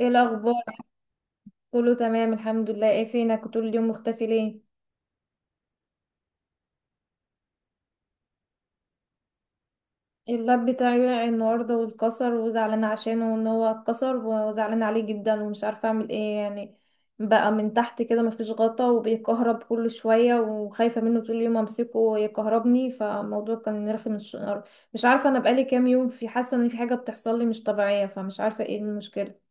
ايه الاخبار؟ كله تمام، الحمد لله. ايه فينك؟ كنت طول اليوم مختفي ليه؟ اللاب بتاعي وقع النهارده واتكسر، وزعلانه عشانه ان هو اتكسر، وزعلانه عليه جدا، ومش عارفه اعمل ايه يعني. بقى من تحت كده مفيش غطا وبيكهرب كل شويه، وخايفه منه طول اليوم امسكه يكهربني، فالموضوع كان رخم. مش عارفه، انا بقالي كام يوم في حاسه ان في حاجه بتحصل لي مش طبيعيه، فمش عارفه ايه المشكله.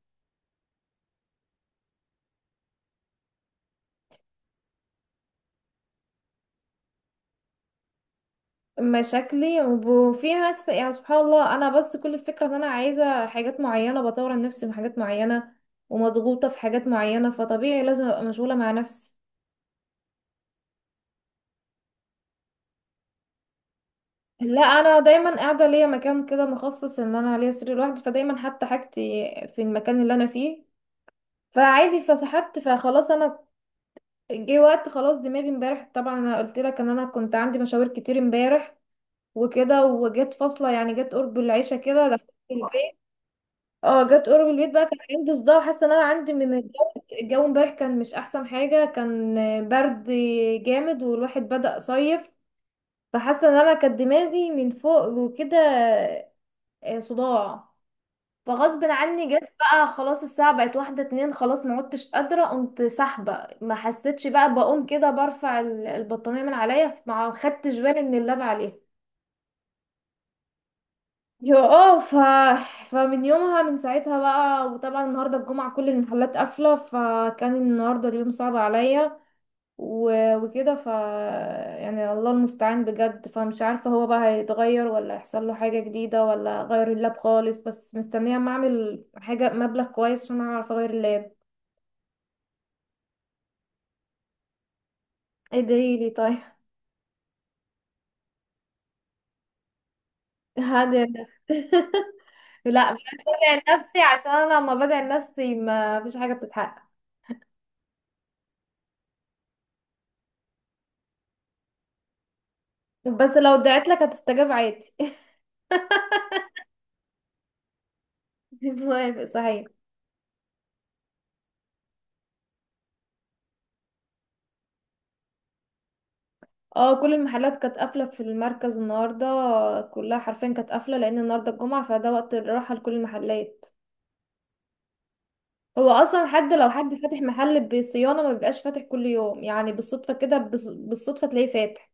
مشاكلي وفي ناس، يعني سبحان الله، انا بس كل الفكره ان انا عايزه حاجات معينه، بطور من نفسي في حاجات معينه، ومضغوطه في حاجات معينه، فطبيعي لازم ابقى مشغوله مع نفسي. لا، انا دايما قاعده ليا مكان كده مخصص، ان انا ليا سرير لوحدي، فدايما حتى حاجتي في المكان اللي انا فيه، فعادي فسحبت فخلاص انا. جه وقت خلاص دماغي امبارح، طبعا انا قلت لك ان انا كنت عندي مشاوير كتير امبارح وكده، وجت فاصله يعني، جت قرب العشاء كده دخلت. اه، جت قرب البيت بقى، كان عندي صداع وحاسه ان انا عندي من الجو. الجو امبارح كان مش احسن حاجه، كان برد جامد والواحد بدأ صيف. فحاسه ان انا كانت دماغي من فوق وكده. صداع. فغصب عني جت بقى خلاص، الساعه بقت واحده اتنين خلاص، ما عدتش قادره، قمت سحبه ما حسيتش بقى، بقوم كده برفع البطانيه من عليا، ما خدتش بالي ان اللاب عليها. يا اه فمن يومها من ساعتها بقى. وطبعا النهارده الجمعة كل المحلات قافلة، فكان النهارده اليوم صعب عليا. و... وكده ف، يعني الله المستعان بجد. فمش عارفة هو بقى هيتغير ولا هيحصل له حاجة جديدة، ولا غير اللاب خالص، بس مستنية اما اعمل حاجة مبلغ كويس عشان اعرف اغير اللاب. ادعي لي طيب. هذا لا مش بدعي لنفسي، عشان انا لما بدعي لنفسي ما فيش حاجة بتتحقق. بس لو دعيت لك هتستجاب عادي. موافق صحيح؟ اه، كل المحلات كانت قافلة في المركز النهاردة، كلها حرفيا كانت قافلة، لأن النهاردة الجمعة، فده وقت الراحة لكل المحلات. هو أصلا حد لو حد فاتح محل بصيانة ما بيبقاش فاتح كل يوم، يعني بالصدفة كده، بالصدفة تلاقيه فاتح.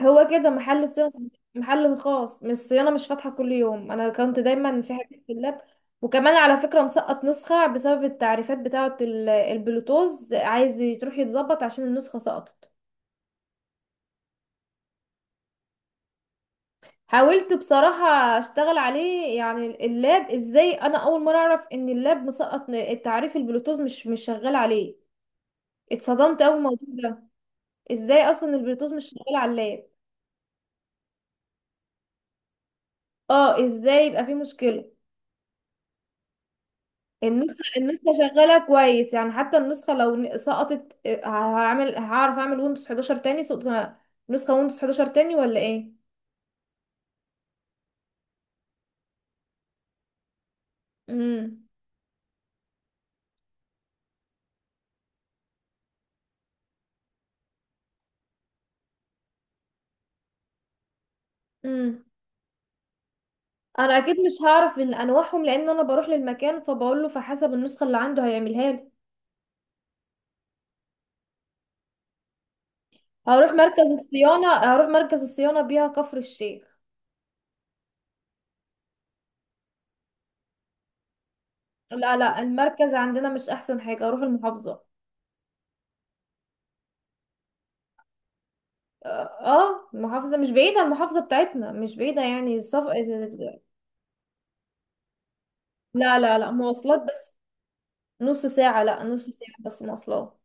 هو كده محل صيانة. محل خاص، مش الصيانة مش فاتحة كل يوم، أنا كنت دايما في حاجات في اللاب. وكمان على فكرة مسقط نسخة بسبب التعريفات بتاعة البلوتوز، عايز تروح يتظبط عشان النسخة سقطت. حاولت بصراحة اشتغل عليه يعني، اللاب ازاي، انا اول مرة اعرف ان اللاب مسقط التعريف، البلوتوث مش شغال عليه. اتصدمت اول الموضوع ده، ازاي اصلا البلوتوث مش شغال على اللاب؟ اه، ازاي يبقى في مشكلة. النسخة شغالة كويس يعني، حتى النسخة لو سقطت، هعمل هعرف اعمل ويندوز 11 تاني، نسخة ويندوز 11 تاني ولا ايه. امم، امم انا اكيد مش هعرف ان انواعهم، لان انا بروح للمكان فبقول له، فحسب النسخة اللي عنده هيعملها لي. هروح مركز الصيانة، هروح مركز الصيانة بيها كفر الشيخ. لا لا، المركز عندنا مش أحسن حاجة، هروح المحافظة. اه، المحافظة مش بعيدة، المحافظة بتاعتنا مش بعيدة يعني لا لا لا، مواصلات بس. نص ساعة، لا نص ساعة بس مواصلات.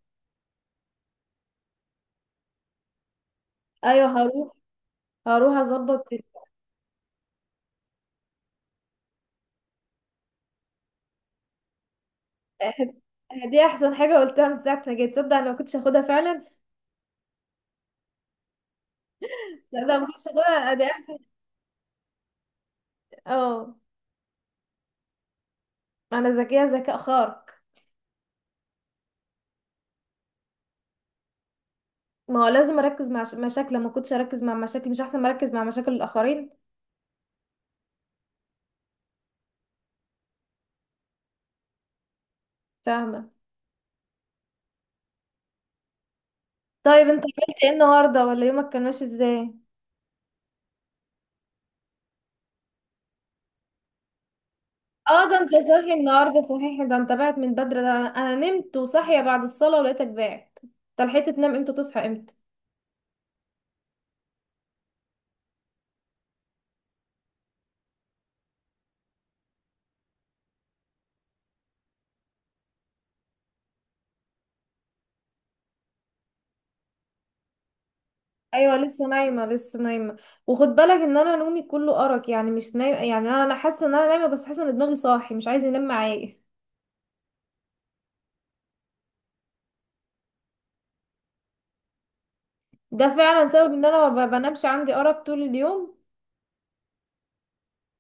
أيوة هروح. هروح أظبط دي أحسن حاجة قلتها من ساعة ما جيت، تصدق أنا ما كنتش هاخدها فعلا. لا ده ما كنتش هاخدها، دي أحسن. اه، أنا ذكية ذكاء خارق. ما هو لازم اركز مع مشاكل، ما كنتش اركز مع مشاكل مش احسن، مركز مع مشاكل الاخرين. فاهمه. طيب انت عملت ايه النهارده، ولا يومك كان ماشي ازاي؟ اه، ده انت صاحي النهارده صحيح، ده انت بعت من بدري، ده انا، أنا نمت وصاحيه بعد الصلاه ولقيتك بعت. طب لحقت تنام امتى تصحى امتى؟ ايوه لسه نايمه، لسه نايمه. وخد بالك ان انا نومي كله ارق يعني، مش نايمه يعني، انا حاسه ان انا نايمه، بس حاسه ان دماغي صاحي مش عايز ينام معايا. ده فعلا سبب ان انا ما بنامش، عندي ارق طول اليوم.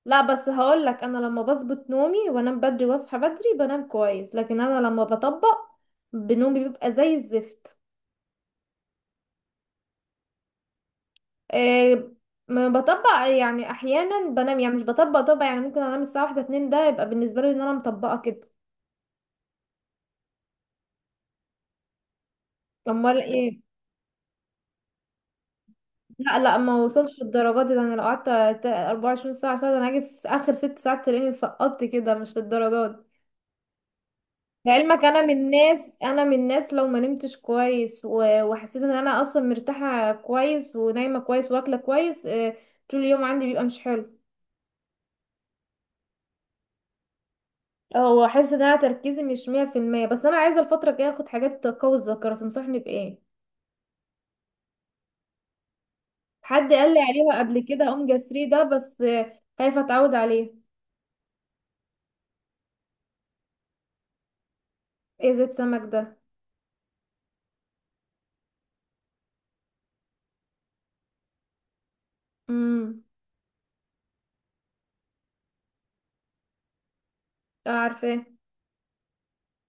لا، بس هقول لك، انا لما بظبط نومي وانام بدري واصحى بدري بنام كويس، لكن انا لما بطبق بنومي بيبقى زي الزفت. إيه. ما بطبق يعني، احيانا بنام يعني مش بطبق طبق، يعني ممكن انام الساعه واحدة اتنين، ده يبقى بالنسبه لي ان انا مطبقه كده. امال ايه. لا لا، ما وصلش الدرجات دي، ده انا لو قعدت 24 ساعه، ده انا هاجي في اخر ست ساعات تلاقيني سقطت كده، مش للدرجات. لعلمك انا من الناس، انا من الناس لو ما نمتش كويس وحسيت ان انا اصلا مرتاحه كويس ونايمه كويس واكله كويس، طول اليوم عندي بيبقى مش حلو. اه، واحس ان انا تركيزي مش 100%، بس انا عايزه الفتره الجايه اخد حاجات تقوي الذاكره، تنصحني بايه؟ حد قال لي عليها قبل كده، اوميجا 3 ده بس، خايفه اتعود عليه. ايه زيت سمك ده؟ امم. عارفه.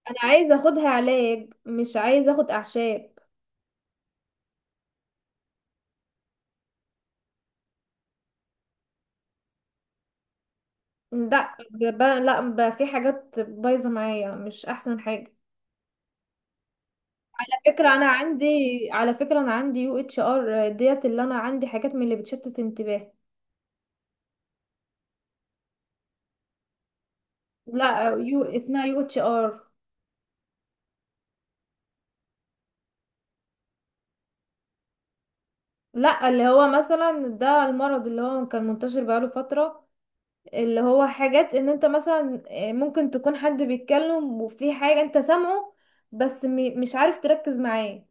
انا عايزه اخدها علاج، مش عايزه اخد اعشاب. لا لا في حاجات بايظه معايا مش احسن حاجه. على فكره انا عندي، على فكره انا عندي UHR ديت، اللي انا عندي حاجات من اللي بتشتت انتباه. لا يو، اسمها UHR. لا اللي هو مثلا ده المرض اللي هو كان منتشر بقاله فتره، اللي هو حاجات ان انت مثلا، ممكن تكون حد بيتكلم وفي حاجه انت سامعه، بس مش عارف تركز معاه.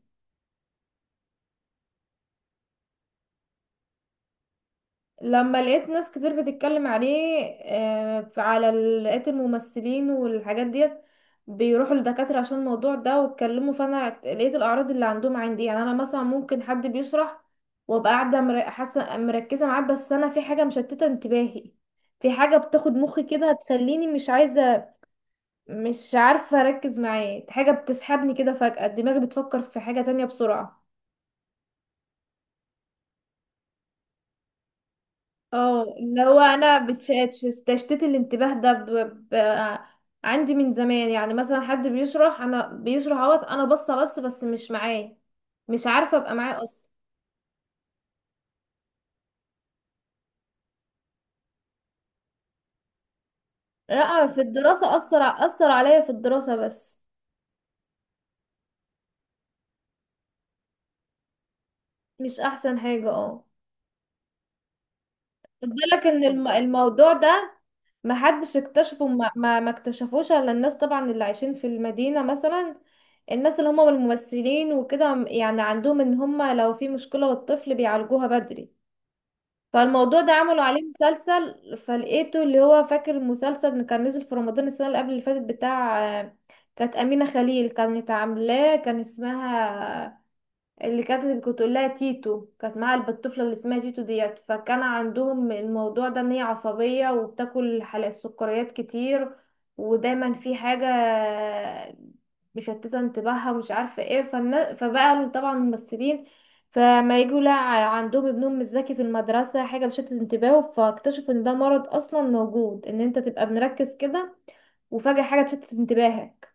لما لقيت ناس كتير بتتكلم عليه، على لقيت الممثلين والحاجات ديت بيروحوا لدكاترة عشان الموضوع ده، واتكلموا، فانا لقيت الاعراض اللي عندهم عندي. يعني انا مثلا ممكن حد بيشرح وابقى قاعدة حاسة مركزة معاه، بس انا في حاجة مشتتة انتباهي، في حاجة بتاخد مخي كده تخليني مش عايزة، مش عارفة اركز معاه، حاجة بتسحبني كده، فجأة دماغي بتفكر في حاجة تانية بسرعة. اه، اللي هو انا تشتيت الانتباه ده ب... عندي من زمان. يعني مثلا حد بيشرح، انا بيشرح اهوت انا باصه، بس مش معاه، مش عارفه ابقى معاه اصلا. لا، في الدراسه اثر عليا في الدراسه بس، مش احسن حاجه اه. خد بالك ان الموضوع ده محدش اكتشفه، ما اكتشفوش الا الناس طبعا اللي عايشين في المدينه مثلا. الناس اللي هم الممثلين وكده، يعني عندهم ان هم لو في مشكله للطفل بيعالجوها بدري، فالموضوع ده عملوا عليه مسلسل، فلقيته. اللي هو فاكر المسلسل اللي كان نزل في رمضان السنة اللي قبل اللي فاتت بتاع، كانت أمينة خليل كانت عاملاه، كان اسمها، اللي كانت كنت اقول لها تيتو، كانت معاها الطفله اللي اسمها تيتو ديت. فكان عندهم الموضوع ده ان هي عصبيه، وبتاكل حلقة السكريات كتير، ودايما في حاجه مشتته انتباهها، ومش عارفه ايه. فبقى طبعا الممثلين، فما يجوا لا عندهم ابنهم مش ذكي في المدرسه، حاجه بتشتت انتباهه، فاكتشفوا ان ده مرض اصلا موجود، ان انت تبقى مركز كده وفجاه حاجه تشتت انتباهك.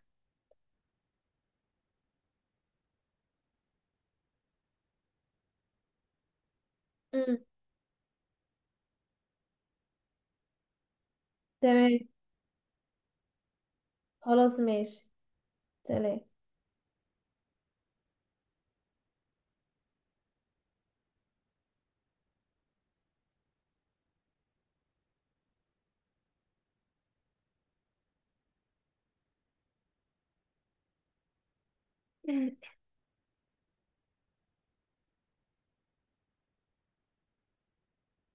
مم. تمام. خلاص ماشي. سلام.